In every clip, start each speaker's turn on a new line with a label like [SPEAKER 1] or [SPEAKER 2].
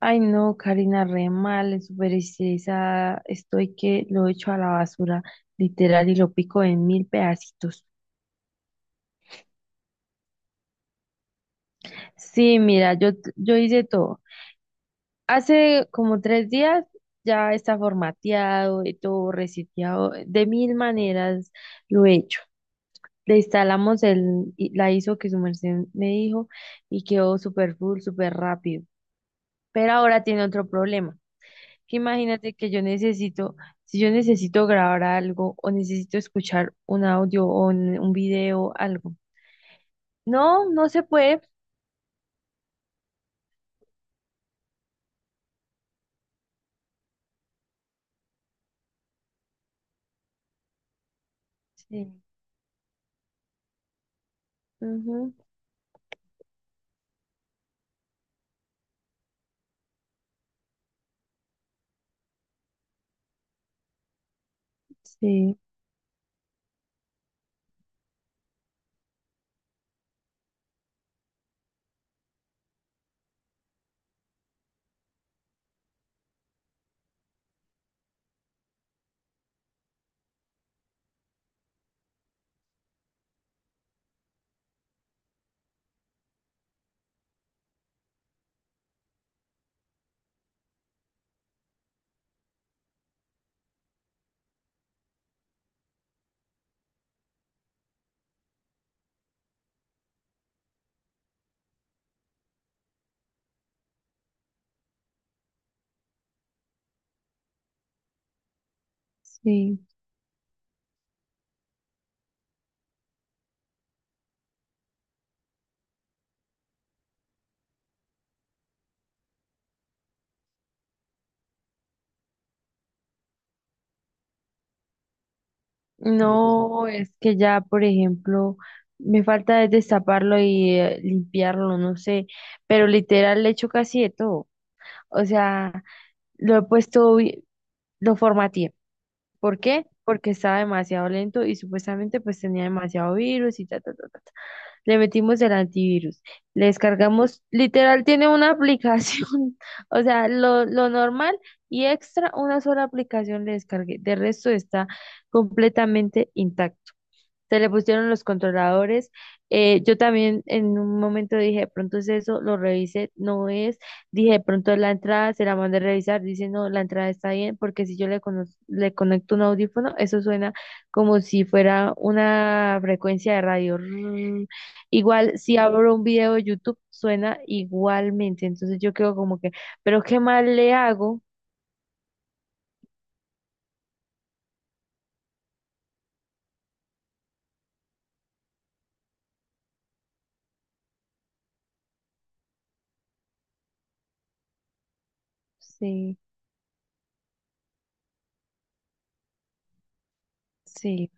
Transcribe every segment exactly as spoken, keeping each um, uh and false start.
[SPEAKER 1] Ay, no, Karina, re mal, súper estresada. Estoy que lo echo a la basura, literal, y lo pico en mil pedacitos. Sí, mira, yo, t- yo hice todo. Hace como tres días ya está formateado y todo reseteado. De mil maneras lo he hecho. Le instalamos el, i- la ISO que su merced me dijo y quedó súper full, súper rápido. Pero ahora tiene otro problema. Que Imagínate que yo necesito, si yo necesito grabar algo o necesito escuchar un audio o un, un video, algo. No, no se puede. Sí, ujú, sí, sí. No, es que ya, por ejemplo, me falta es destaparlo y eh, limpiarlo, no sé, pero literal le echo casi de todo. O sea, lo he puesto, vi- lo formateé. ¿Por qué? Porque estaba demasiado lento y supuestamente pues tenía demasiado virus y ta, ta, ta, ta. Le metimos el antivirus, le descargamos, literal tiene una aplicación, o sea, lo, lo normal y extra, una sola aplicación le descargué, de resto está completamente intacto. Se le pusieron los controladores. Eh, yo también en un momento dije, de pronto es eso, lo revisé, no es. Dije, de pronto es la entrada, se la mandé a revisar, dice, no, la entrada está bien, porque si yo le, cono- le conecto un audífono, eso suena como si fuera una frecuencia de radio. Rrrr. Igual, si abro un video de YouTube, suena igualmente. Entonces yo quedo como que, pero ¿qué más le hago? Sí, sí.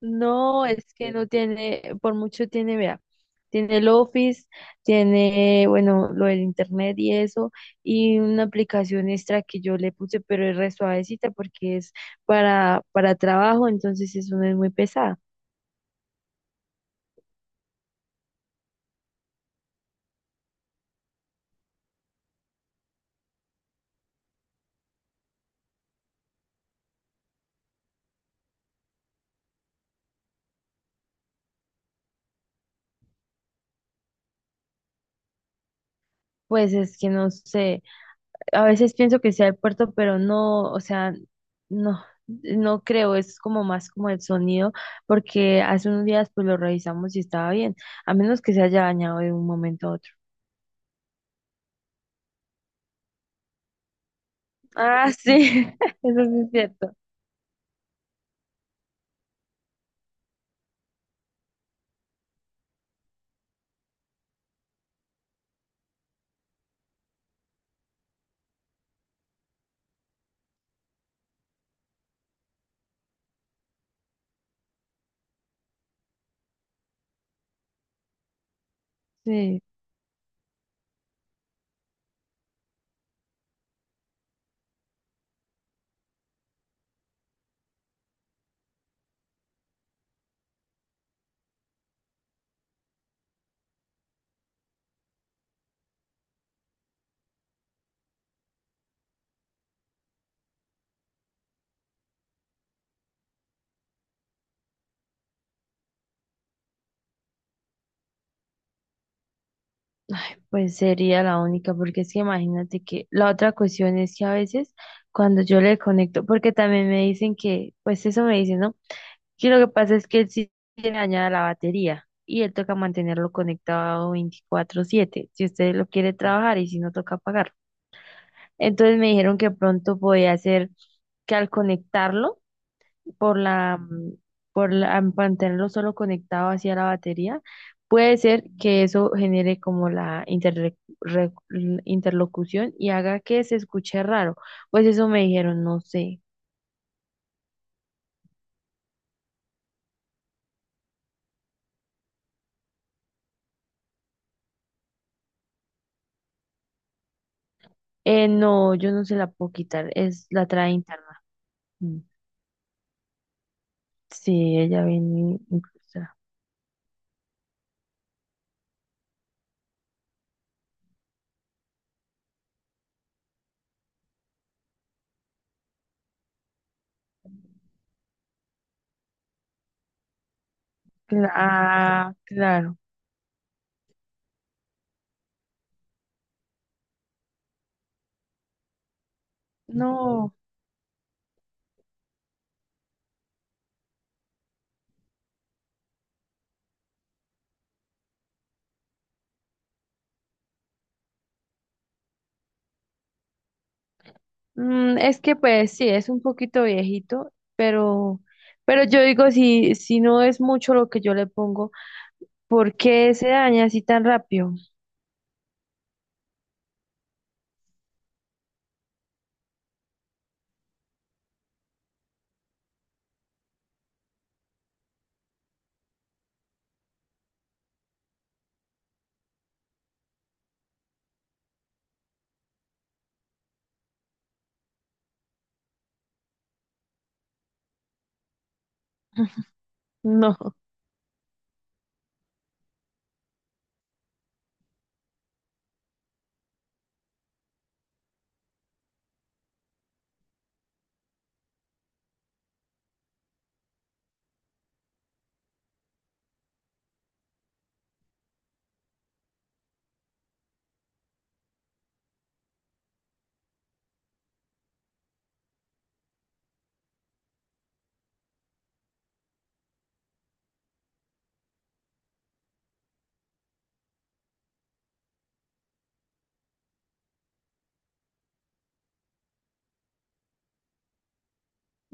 [SPEAKER 1] No, es que no tiene, por mucho tiene, vea, tiene el Office, tiene, bueno, lo del internet y eso, y una aplicación extra que yo le puse, pero es re suavecita porque es para, para trabajo, entonces eso no es muy pesada. Pues es que no sé, a veces pienso que sea el puerto, pero no, o sea, no, no creo, es como más como el sonido, porque hace unos días pues lo revisamos y estaba bien, a menos que se haya dañado de un momento a otro. Ah, sí, eso sí es cierto. Sí, pues sería la única, porque es que imagínate que la otra cuestión es que a veces cuando yo le conecto, porque también me dicen que, pues eso me dicen, ¿no? Que lo que pasa es que él sí tiene dañada la batería y él toca mantenerlo conectado veinticuatro siete, si usted lo quiere trabajar y si no toca apagarlo. Entonces me dijeron que pronto podía hacer que al conectarlo, por la, mm, por la- am- mantenerlo solo conectado hacia la batería, puede ser que eso genere como la interre- re- interlocución y haga que se escuche raro. Pues eso me dijeron, no sé. Eh, no, yo no se la puedo quitar, es la trae interna. Mm, sí, ella viene incrustada. Cla- Ah, claro. No, mm, es que pues sí, es un poquito viejito, pero, pero yo digo, si, si no es mucho lo que yo le pongo, ¿por qué se daña así tan rápido? No,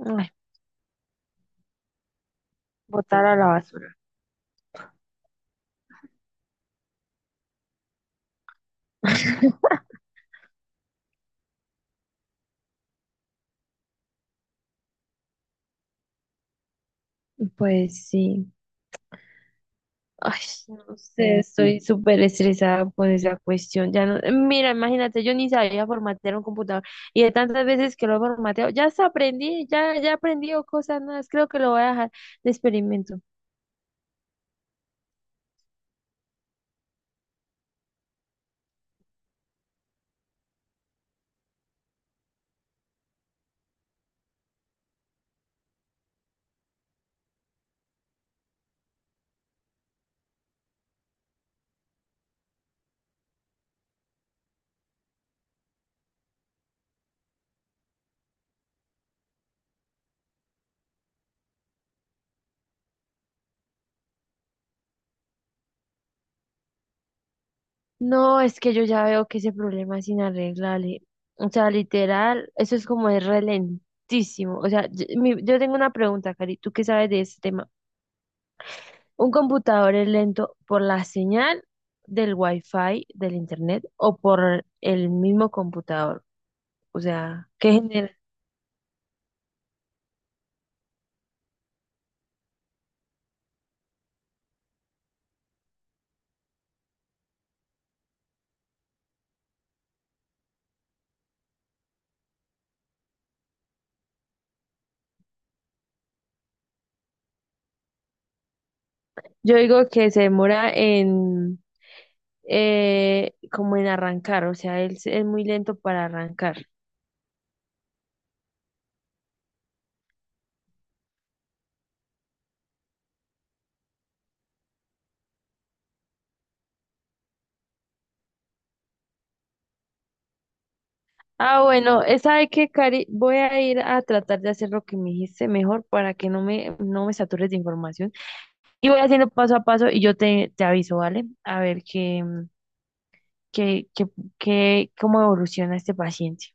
[SPEAKER 1] ay, botar a la basura. Pues sí. Ay, no sé, estoy súper estresada con esa cuestión. Ya no, mira, imagínate, yo ni sabía formatear un computador y de tantas veces que lo he formateado, ya hasta aprendí, ya, ya he aprendido cosas nuevas. Creo que lo voy a dejar de experimento. No, es que yo ya veo que ese problema es inarreglable. O sea, literal, eso es como es relentísimo. O sea, yo, mi- yo tengo una pregunta, Cari, ¿tú qué sabes de este tema? ¿Un computador es lento por la señal del Wi-Fi, del internet, o por el mismo computador? O sea, ¿qué genera? Yo digo que se demora en, eh, como en arrancar, o sea, él se- es muy lento para arrancar. Ah, bueno, eh, ¿sabe qué, Cari? Voy a ir a tratar de hacer lo que me dijiste mejor para que no me, no me satures de información. Y voy haciendo paso a paso y yo te, te aviso, ¿vale? A ver qué, qué, qué, qué, cómo evoluciona este paciente.